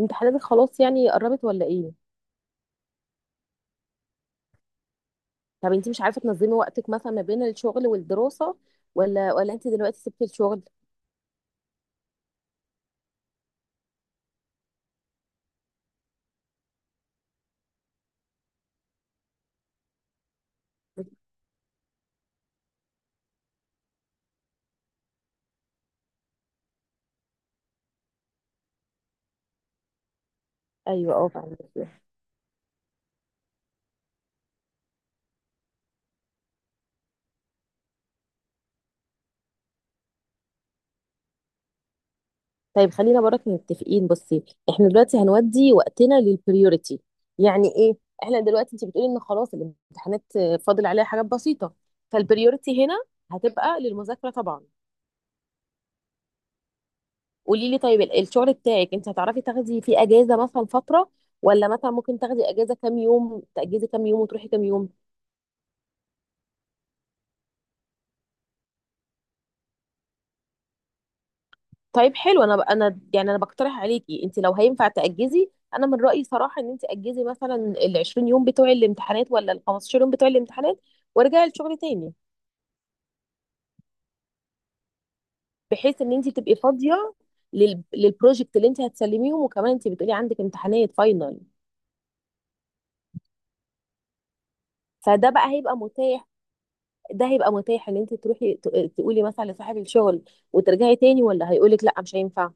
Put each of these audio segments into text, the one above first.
امتحاناتك خلاص، يعني قربت ولا ايه؟ طب انت مش عارفه تنظمي وقتك مثلا ما بين الشغل والدراسه، ولا انت دلوقتي سبتي الشغل؟ ايوه اه، فهمت. طيب خلينا برك متفقين، بصي. احنا دلوقتي هنودي وقتنا للبريوريتي. يعني ايه؟ احنا دلوقتي انت بتقولي ان خلاص الامتحانات فاضل عليها حاجات بسيطه، فالبريوريتي هنا هتبقى للمذاكره طبعا. قولي لي طيب، الشغل بتاعك، انت هتعرفي تاخدي فيه اجازه مثلا فتره، ولا مثلا ممكن تاخدي اجازه، كام يوم تاجزي كام يوم وتروحي كام يوم؟ طيب حلو، انا بقترح عليكي انت لو هينفع تاجزي. انا من رايي صراحه ان انت اجزي مثلا ال 20 يوم بتوع الامتحانات، ولا ال 15 يوم بتوع الامتحانات، وارجعي الشغل تاني، بحيث ان انت تبقي فاضيه للبروجكت اللي انت هتسلميهم. وكمان انت بتقولي عندك امتحانات فاينل، فده بقى هيبقى متاح. ده هيبقى متاح ان انت تروحي تقولي مثلا لصاحب الشغل وترجعي تاني، ولا هيقولك لا مش هينفع.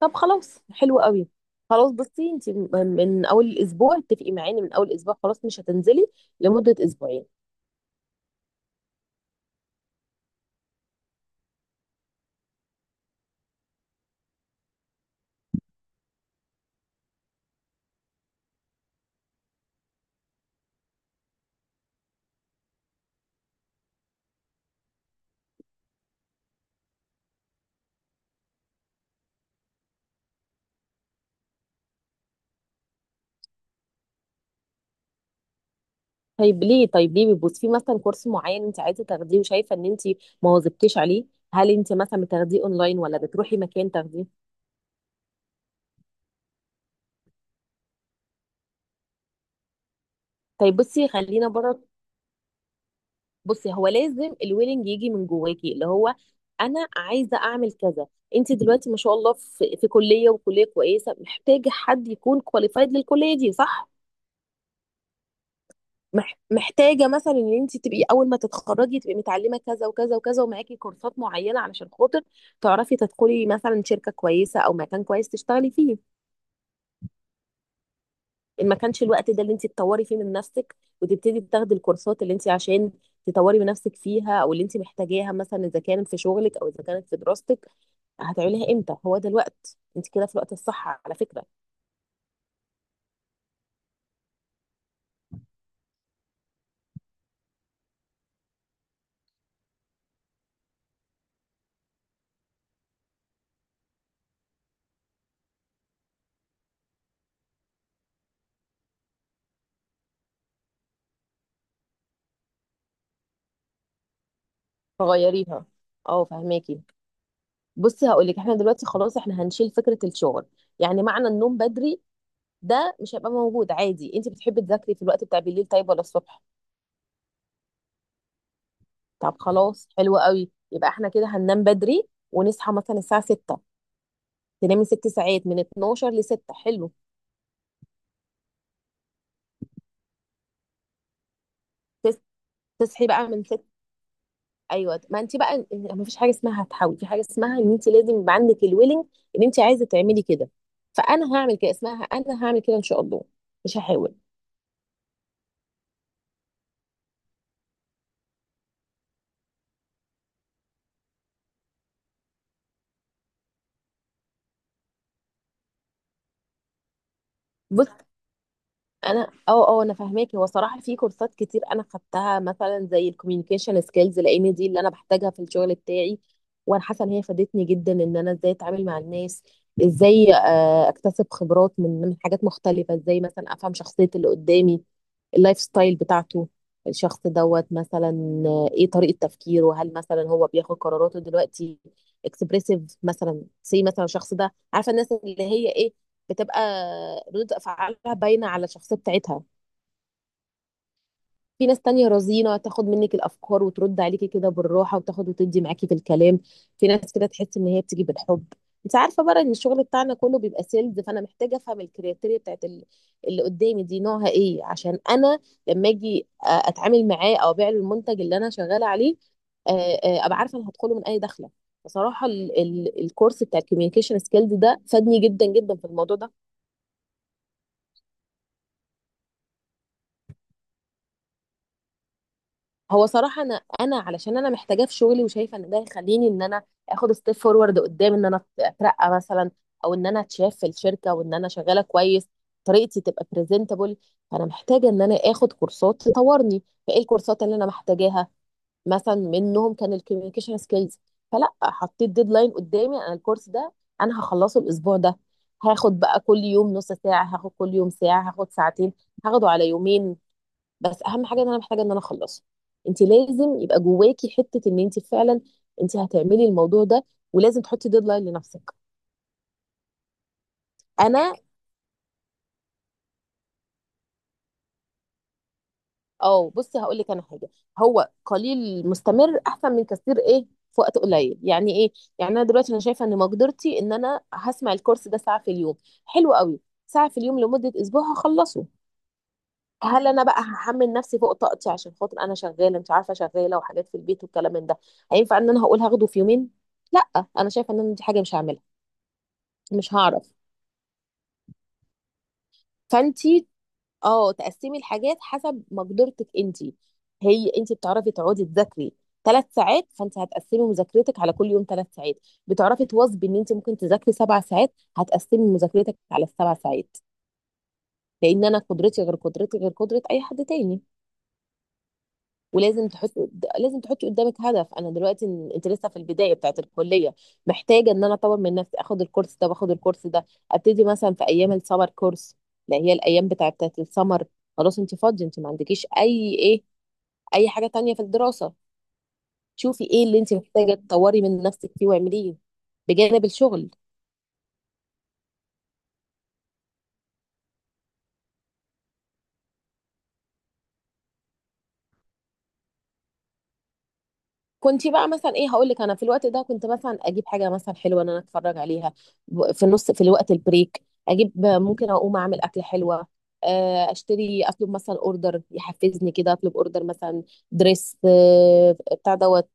طب خلاص، حلو قوي. خلاص بصي، انت من اول الاسبوع، اتفقي معانا من اول اسبوع خلاص مش هتنزلي لمده اسبوعين. طيب ليه؟ طيب ليه بيبص في مثلا كورس معين انت عايزه تاخديه وشايفه ان انت ما واظبتيش عليه؟ هل انت مثلا بتاخديه اونلاين، ولا بتروحي مكان تاخديه؟ طيب بصي، خلينا بره. بصي هو لازم الويلنج يجي من جواكي، اللي هو انا عايزه اعمل كذا. انت دلوقتي ما شاء الله في كليه وكليه كويسه، محتاجه حد يكون كواليفايد للكليه دي، صح؟ محتاجه مثلا ان انت تبقي اول ما تتخرجي تبقي متعلمه كذا وكذا وكذا، ومعاكي كورسات معينه علشان خاطر تعرفي تدخلي مثلا شركه كويسه او مكان كويس تشتغلي فيه. ان ما كانش الوقت ده اللي انت تطوري فيه من نفسك وتبتدي تاخدي الكورسات اللي انت عشان تطوري من نفسك فيها، او اللي انت محتاجاها مثلا اذا كانت في شغلك او اذا كانت في دراستك، هتعمليها امتى؟ هو ده الوقت، انت كده في الوقت الصح على فكره. فغيريها. اه، فهماكي. بصي هقول لك، احنا دلوقتي خلاص احنا هنشيل فكره الشغل، يعني معنى النوم بدري ده مش هيبقى موجود عادي. انت بتحبي تذاكري في الوقت بتاع بالليل، طيب، ولا الصبح؟ طب خلاص، حلو قوي. يبقى احنا كده هننام بدري ونصحى مثلا الساعه 6، تنامي ست ساعات من 12 ل 6، حلو. تس... تصحي بقى من 6. ايوه، ما انت بقى ما فيش حاجه اسمها هتحاول. في حاجه اسمها ان انت لازم يبقى عندك الويلنج ان انت عايزه تعملي كده، فانا هعمل كده. اسمها انا هعمل كده ان شاء الله، مش هحاول. بص، انا اه اه انا فاهماكي. هو صراحه في كورسات كتير انا خدتها، مثلا زي الكوميونيكيشن سكيلز، لان دي اللي انا بحتاجها في الشغل بتاعي، وانا حاسه ان هي فادتني جدا، ان انا ازاي اتعامل مع الناس، ازاي آه، اكتسب خبرات من حاجات مختلفه، ازاي مثلا افهم شخصيه اللي قدامي، اللايف ستايل بتاعته، الشخص دوت مثلا، آه، ايه طريقه تفكيره، وهل مثلا هو بياخد قراراته دلوقتي اكسبريسيف، مثلا سي مثلا الشخص ده، عارفه الناس اللي هي ايه، بتبقى ردود افعالها باينه على الشخصيه بتاعتها. في ناس تانية رزينة تاخد منك الافكار وترد عليكي كده بالراحه، وتاخد وتدي معاكي في الكلام. في ناس كده تحس ان هي بتيجي بالحب. انت عارفه بقى ان الشغل بتاعنا كله بيبقى سيلز، فانا محتاجه افهم الكرياتيريا بتاعت اللي قدامي دي نوعها ايه، عشان انا لما اجي اتعامل معاه او ابيع له المنتج اللي انا شغاله عليه، آه، آه، ابقى عارفه انا هدخله من اي دخله. بصراحه الكورس بتاع الكوميونيكيشن سكيلز ده فادني جدا جدا في الموضوع ده. هو صراحة، أنا علشان أنا محتاجاه في شغلي، وشايفة إن ده يخليني إن أنا آخد ستيب فورورد قدام، إن أنا أترقى مثلا، أو إن أنا أتشاف في الشركة وإن أنا شغالة كويس، طريقتي تبقى بريزنتابل. فأنا محتاجة إن أنا آخد كورسات تطورني، فإيه الكورسات اللي أنا محتاجاها؟ مثلا منهم كان الكوميونيكيشن سكيلز، فلا حطيت ديدلاين قدامي، أنا الكورس ده أنا هخلصه الأسبوع ده. هاخد بقى كل يوم نص ساعة، هاخد كل يوم ساعة، هاخد ساعتين، هاخده على يومين، بس اهم حاجه ان انا محتاجه ان انا اخلصه. انت لازم يبقى جواكي حته ان انت فعلا انت هتعملي الموضوع ده، ولازم تحطي ديدلاين لنفسك. انا اه، بصي هقول لك انا حاجه، هو قليل مستمر احسن من كثير ايه في وقت قليل. يعني ايه؟ يعني انا دلوقتي انا شايفه ان مقدرتي ان انا هسمع الكورس ده ساعه في اليوم، حلو قوي، ساعه في اليوم لمده اسبوع هخلصه. هل انا بقى هحمل نفسي فوق طاقتي عشان خاطر انا شغاله، مش عارفه شغاله وحاجات في البيت والكلام من ده، هينفع ان انا هقول هاخده في يومين؟ لا، انا شايفه ان انا دي حاجه مش هعملها، مش هعرف. فانتي اه، تقسمي الحاجات حسب مقدرتك انتي. هي انتي بتعرفي تقعدي تذاكري ثلاث ساعات، فانت هتقسمي مذاكرتك على كل يوم ثلاث ساعات. بتعرفي تواظبي ان انت ممكن تذاكري سبع ساعات، هتقسمي مذاكرتك على السبع ساعات، لان انا قدرتي غير، قدرتي غير قدره اي حد تاني. ولازم تحط لازم تحطي قدامك هدف. انا دلوقتي انت لسه في البدايه بتاعت الكليه، محتاجه ان انا اطور من نفسي، اخد الكورس ده واخد الكورس ده، ابتدي مثلا في ايام السمر كورس، اللي هي الايام بتاعت السمر. خلاص انت فاضيه، انت ما عندكيش اي ايه، اي حاجه تانية في الدراسه. شوفي ايه اللي انت محتاجه تطوري من نفسك فيه واعمليه بجانب الشغل. كنت بقى مثلا ايه هقول لك، انا في الوقت ده كنت مثلا اجيب حاجه مثلا حلوه ان انا اتفرج عليها، في النص في الوقت البريك اجيب، ممكن اقوم اعمل اكل حلوه، آه، اشتري اطلب مثلا اوردر يحفزني كده، اطلب اوردر مثلا دريس، آه، بتاع دوت،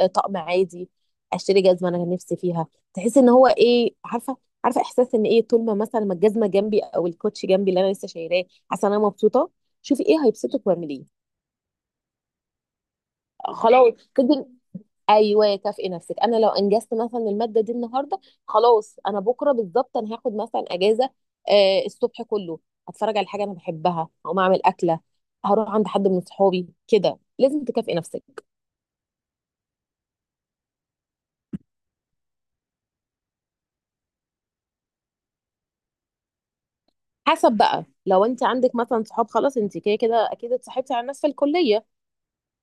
آه، طقم عادي، اشتري جزمه انا نفسي فيها، تحس ان هو ايه، عارفه، عارفه احساس ان ايه، طول ما مثلا ما الجزمه جنبي او الكوتش جنبي اللي انا لسه شايراه، حاسه ان انا مبسوطه. شوفي ايه هيبسطك واعمليه. خلاص تدي، ايوه كافئي نفسك. انا لو انجزت مثلا الماده دي النهارده، خلاص انا بكره بالظبط انا هاخد مثلا اجازه، آه الصبح كله هتفرج على حاجه انا بحبها، هقوم اعمل اكله، هروح عند حد من صحابي كده. لازم تكافئي نفسك. حسب بقى، لو انت عندك مثلا صحاب، خلاص انت كده كده اكيد اتصاحبتي على الناس في الكليه،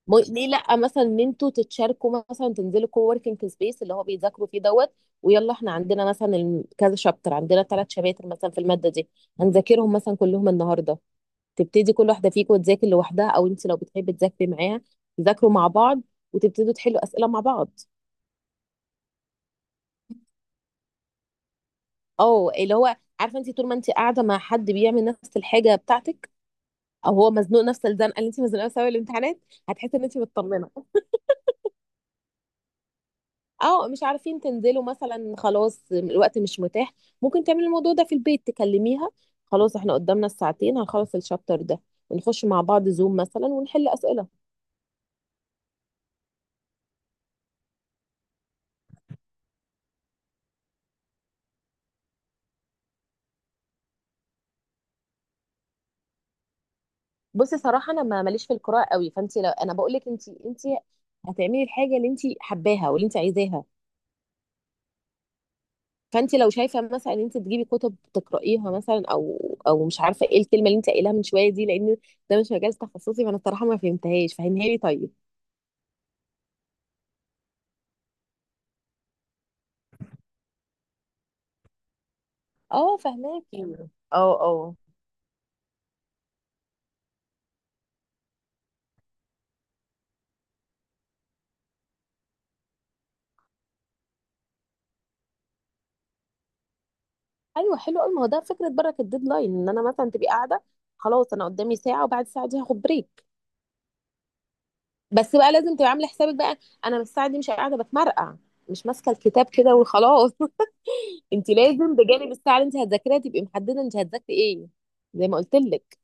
ليه لا مثلا ان انتوا تتشاركوا، مثلا تنزلوا كو وركينج سبيس اللي هو بيذاكروا فيه دوت، ويلا احنا عندنا مثلا كذا شابتر، عندنا ثلاث شباتر مثلا في الماده دي، هنذاكرهم مثلا كلهم النهارده. تبتدي كل واحده فيكم تذاكر لوحدها، او انت لو بتحبي تذاكري معاها تذاكروا مع بعض، وتبتدوا تحلوا اسئله مع بعض. او اللي هو عارفه، انت طول ما انت قاعده مع حد بيعمل نفس الحاجه بتاعتك، او هو مزنوق نفس الزنقه اللي انت مزنوقه، سوا الامتحانات، هتحسي ان انت مطمنه. او مش عارفين تنزلوا مثلا، خلاص الوقت مش متاح، ممكن تعملي الموضوع ده في البيت، تكلميها خلاص احنا قدامنا الساعتين هنخلص الشابتر ده، ونخش مع بعض زوم مثلا ونحل اسئله. بصي صراحه انا ما ماليش في القراءه قوي، فانت لو انا بقول لك انت هتعملي الحاجه اللي انت حباها واللي انت عايزاها. فانت لو شايفه مثلا ان انت تجيبي كتب تقرايها مثلا، او مش عارفه ايه الكلمه اللي انت قايلها من شويه دي، لان ده مش مجال تخصصي فانا الصراحه ما فهمتهاش، فهميها لي طيب. اه، فهماكي. اه، ايوه حلو قوي، ما هو ده فكره برك الديدلاين، ان انا مثلا تبقي قاعده خلاص انا قدامي ساعه وبعد الساعه دي هاخد بريك. بس بقى لازم تبقي عامله حسابك بقى، انا الساعه دي مش قاعده بتمرقع، مش ماسكه الكتاب كده وخلاص. انت لازم بجانب الساعه اللي انت هتذاكريها تبقي محدده انت هتذاكري ايه، زي ما قلت لك.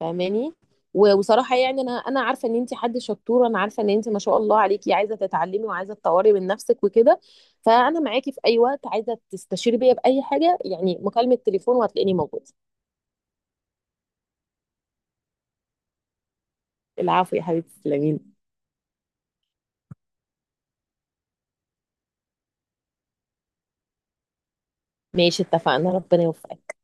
فاهماني. و- وصراحه يعني انا عارفه ان انت حد شطوره، انا عارفه ان انت ما شاء الله عليكي عايزه تتعلمي وعايزه تطوري من نفسك وكده، فانا معاكي في اي وقت، عايزه تستشيري بيا باي حاجه يعني، مكالمه تليفون وهتلاقيني موجوده. العفو يا حبيبتي، تسلميلي. ماشي، اتفقنا، ربنا يوفقك.